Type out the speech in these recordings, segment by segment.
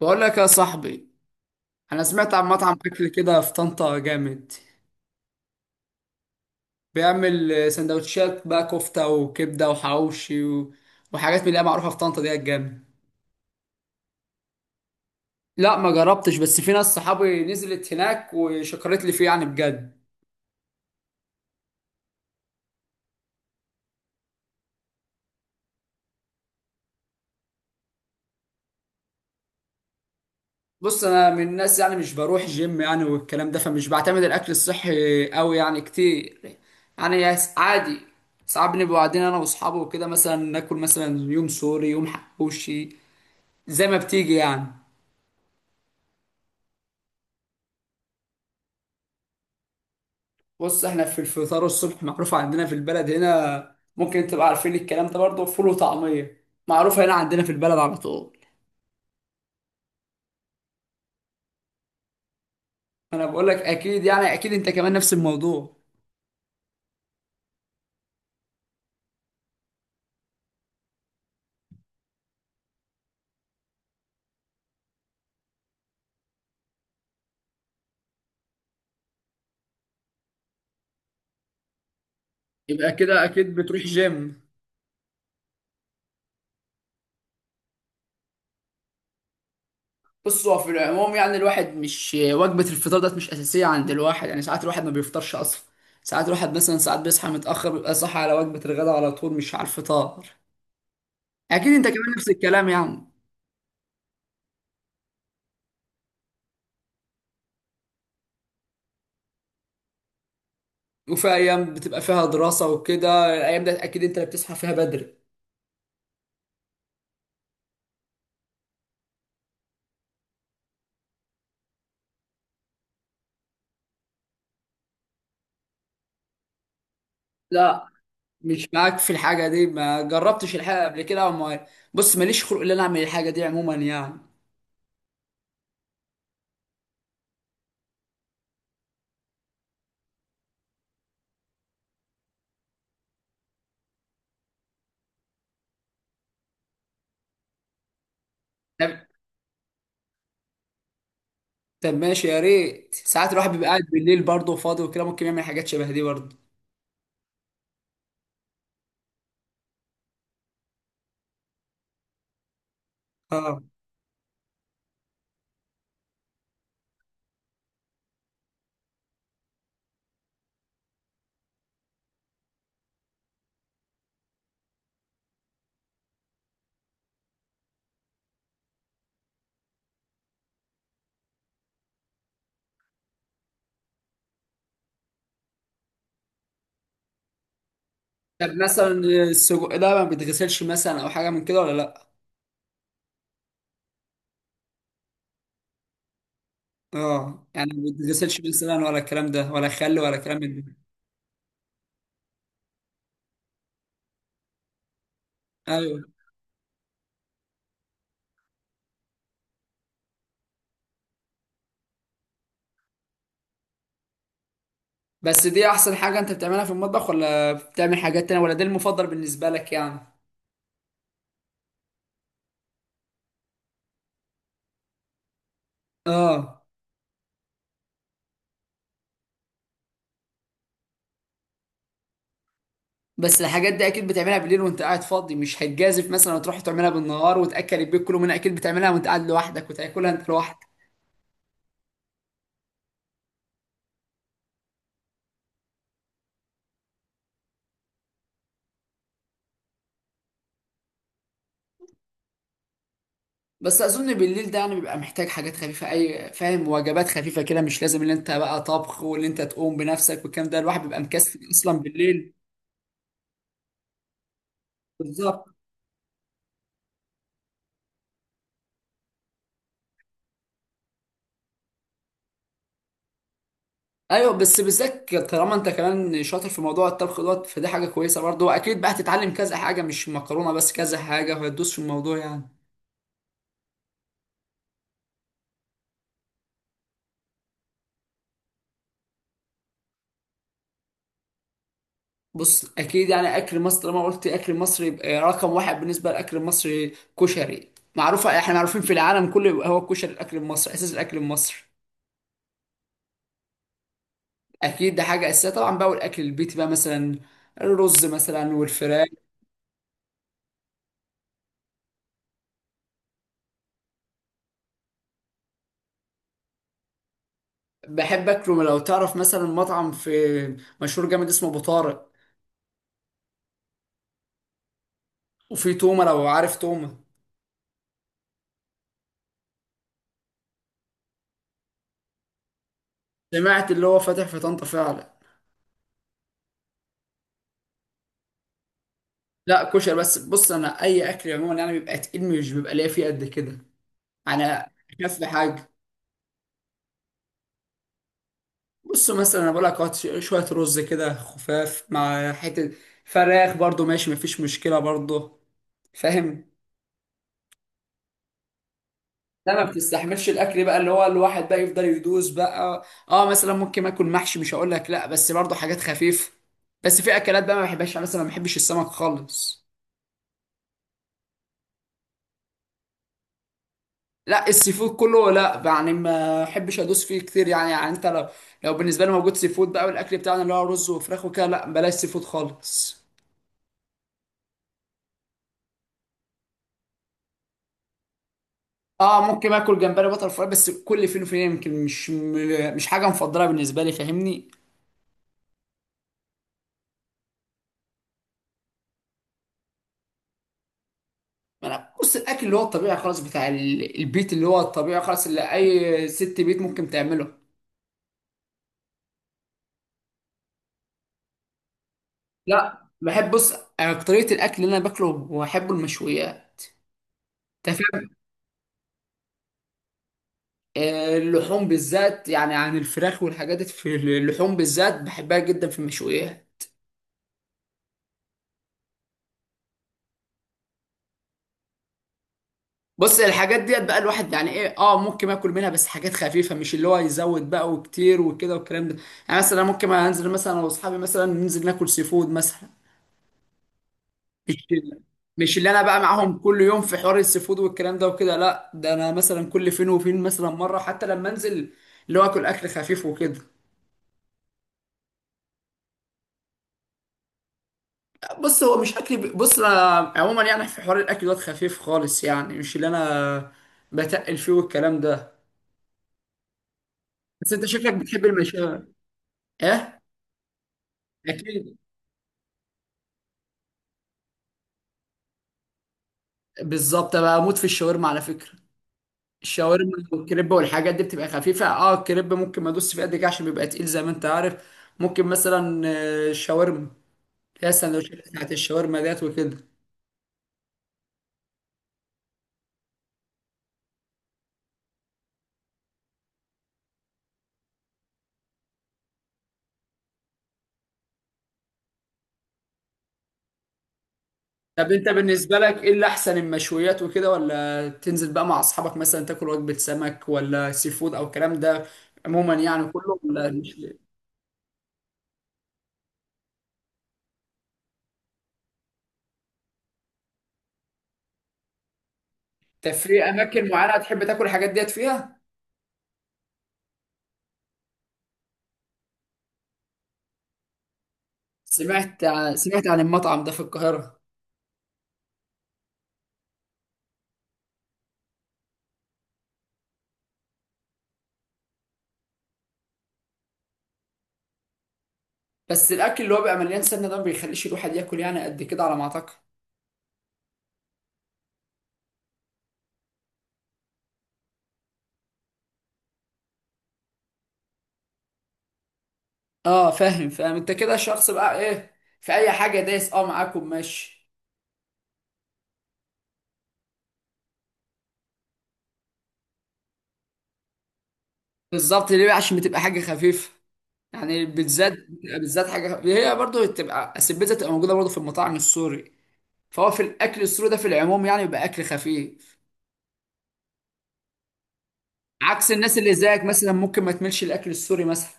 بقول لك يا صاحبي، انا سمعت عن مطعم اكل كده في طنطا جامد. بيعمل سندوتشات بقى، كفته وكبده وحواوشي و... وحاجات من اللي هي معروفه في طنطا دي جامد. لا ما جربتش، بس في ناس صحابي نزلت هناك وشكرت لي فيه يعني بجد. بص انا من الناس يعني مش بروح جيم يعني والكلام ده، فمش بعتمد الاكل الصحي قوي يعني كتير. يعني عادي، ساعات بنبقى قاعدين انا واصحابي وكده مثلا، ناكل مثلا يوم سوري يوم حواوشي زي ما بتيجي يعني. بص احنا في الفطار الصبح معروف عندنا في البلد هنا، ممكن انت تبقى عارفين الكلام ده برضه، فول وطعمية معروفة هنا عندنا في البلد على طول. انا بقول لك اكيد يعني، اكيد انت كمان نفس الموضوع. يبقى كده اكيد بتروح جيم. بص هو في العموم يعني الواحد مش وجبة الفطار ده مش أساسية عند الواحد، يعني ساعات الواحد ما بيفطرش أصلا. ساعات الواحد مثلا، ساعات بيصحى متأخر بيبقى صاحي على وجبة الغداء على طول، مش على الفطار. أكيد أنت كمان نفس الكلام يعني. وفي أيام بتبقى فيها دراسة وكده، الأيام ده أكيد أنت اللي بتصحى فيها بدري. لا مش معاك في الحاجة دي، ما جربتش الحاجة قبل كده وما... بص ماليش خلق ان انا اعمل الحاجة دي عموما يعني. طب طب ماشي، يا ريت. ساعات الواحد بيبقى قاعد بالليل برضه وفاضي وكده، ممكن يعمل حاجات شبه دي برضه. اه طب مثلا السجق ده ما بيتغسلش مثلا، او حاجة من كده ولا لا؟ اه يعني ما بيتغسلش مثلا، ولا الكلام ده، ولا خل، ولا كلام من ده؟ ايوه. بس دي احسن حاجة انت بتعملها في المطبخ، ولا بتعمل حاجات تانية، ولا ده المفضل بالنسبة لك يعني؟ اه. بس الحاجات دي اكيد بتعملها بالليل وانت قاعد فاضي، مش هتجازف مثلا وتروح تعملها بالنهار وتاكل البيت كله منها، اكيد بتعملها وانت قاعد لوحدك وتاكلها انت لوحدك. بس اظن بالليل ده يعني بيبقى محتاج حاجات خفيفه، اي فاهم، وجبات خفيفه كده، مش لازم ان انت بقى طبخ وان انت تقوم بنفسك والكلام ده، الواحد بيبقى مكسل اصلا بالليل. بالظبط. ايوه بس بالذات طالما انت كمان شاطر في موضوع الطبخ دوت، فدي حاجه كويسه برضه، واكيد بقى هتتعلم كذا حاجه، مش مكرونه بس، كذا حاجه، فهتدوس في الموضوع يعني. بص اكيد يعني اكل مصر، لما قلت اكل مصر يبقى رقم واحد بالنسبه للاكل المصري كشري، معروفه احنا معروفين في العالم كله، يبقى هو الكشري الاكل المصري، اساس الاكل المصري. اكيد ده حاجه اساسيه طبعا بقى، والاكل البيتي بقى مثلا، الرز مثلا والفراخ. بحب اكله لو تعرف مثلا مطعم في، مشهور جامد اسمه ابو طارق، وفي تومه لو عارف تومه. سمعت اللي هو فاتح في طنطا فعلا. لا كشري بس. بص انا اي اكل عموما يعني بيبقى تقيل، مش بيبقى ليا فيه قد كده. انا اخف حاجه. بص مثلا انا بقول لك، هات شويه رز كده خفاف مع حته فراخ برضو، ماشي مفيش مشكله برضو، فاهم. ده ما بتستحملش الاكل بقى اللي هو الواحد بقى يفضل يدوس بقى. اه مثلا ممكن اكل محشي، مش هقول لك لا، بس برضو حاجات خفيفه. بس في اكلات بقى ما بحبهاش يعني، مثلا ما بحبش السمك خالص. لا السي فود كله لا، يعني ما بحبش ادوس فيه كتير يعني. يعني انت لو بالنسبه لي موجود سي فود بقى والاكل بتاعنا اللي هو رز وفراخ وكده، لا بلاش سي فود خالص. اه ممكن اكل جمبري بتر فراي بس كل فين وفين، يمكن مش حاجه مفضله بالنسبه لي فاهمني. ما انا بص الاكل اللي هو الطبيعي خالص بتاع البيت اللي هو الطبيعي خالص، اللي اي ست بيت ممكن تعمله. لا بحب بص، طريقه الاكل اللي انا باكله واحبه المشويات، انت فاهم. اللحوم بالذات يعني، عن الفراخ والحاجات دي، في اللحوم بالذات بحبها جدا في المشويات. بص الحاجات ديت بقى الواحد يعني ايه، اه ممكن اكل منها بس حاجات خفيفه، مش اللي هو يزود بقى وكتير وكده والكلام ده. يعني مثلا ممكن انزل مثلا انا واصحابي مثلا ننزل ناكل سي فود مثلا، مش مش اللي انا بقى معاهم كل يوم في حوار السي فود والكلام ده وكده، لا ده انا مثلا كل فين وفين مثلا مره حتى لما انزل، اللي هو اكل خفيف وكده. بص هو مش اكل بص أنا عموما يعني في حوار الاكل دوت خفيف خالص يعني، مش اللي انا بتقل فيه والكلام ده. بس انت شكلك بتحب المشاوي. ايه اكيد. بالظبط بقى، اموت في الشاورما على فكره. الشاورما والكريب والحاجات دي بتبقى خفيفه، اه الكريب ممكن ما ادوس فيه قد كده عشان بيبقى تقيل زي ما انت عارف. ممكن مثلا الشاورما اللي هي السندوتشات بتاعت الشاورما ديت وكده. طب انت بالنسبه لك ايه اللي احسن؟ المشويات وكده، ولا تنزل بقى مع اصحابك مثلا تاكل وجبه سمك، ولا سي فود او الكلام ده عموما يعني، كله ولا مش؟ طب في اماكن معينه تحب تاكل الحاجات ديت فيها؟ سمعت سمعت عن المطعم ده في القاهره. بس الاكل اللي هو بيبقى مليان سمنه ده ما بيخليش الواحد ياكل يعني قد كده على ما اعتقد. اه فاهم فاهم، انت كده شخص بقى ايه، في اي حاجه دايس اه معاكم ماشي. بالظبط، ليه بقى؟ عشان بتبقى حاجه خفيفه. يعني بالذات بتبقى بالذات حاجه هي برضه بتبقى أصل البيتزا، بتبقى موجوده برضه في المطاعم السوري. فهو في الاكل السوري ده في العموم يعني بيبقى اكل خفيف، عكس الناس اللي زيك مثلا ممكن ما تملش الاكل السوري مثلا.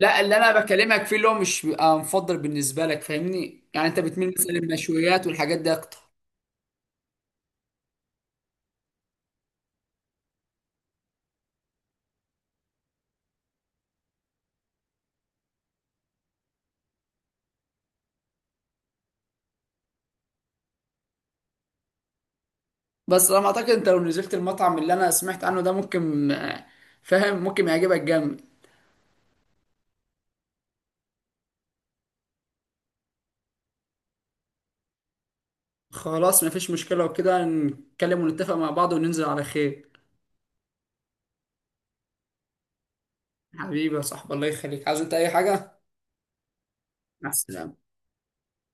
لا اللي انا بكلمك فيه اللي هو مش بيبقى مفضل بالنسبه لك فاهمني، يعني انت بتميل مثلا للمشويات والحاجات دي اكتر. بس انا اعتقد انت لو نزلت المطعم اللي انا سمعت عنه ده ممكن فاهم، ممكن يعجبك جامد. خلاص مفيش مشكلة، وكده نتكلم ونتفق مع بعض وننزل على خير. حبيبي يا صاحبي، الله يخليك. عايز انت اي حاجة؟ مع السلامة.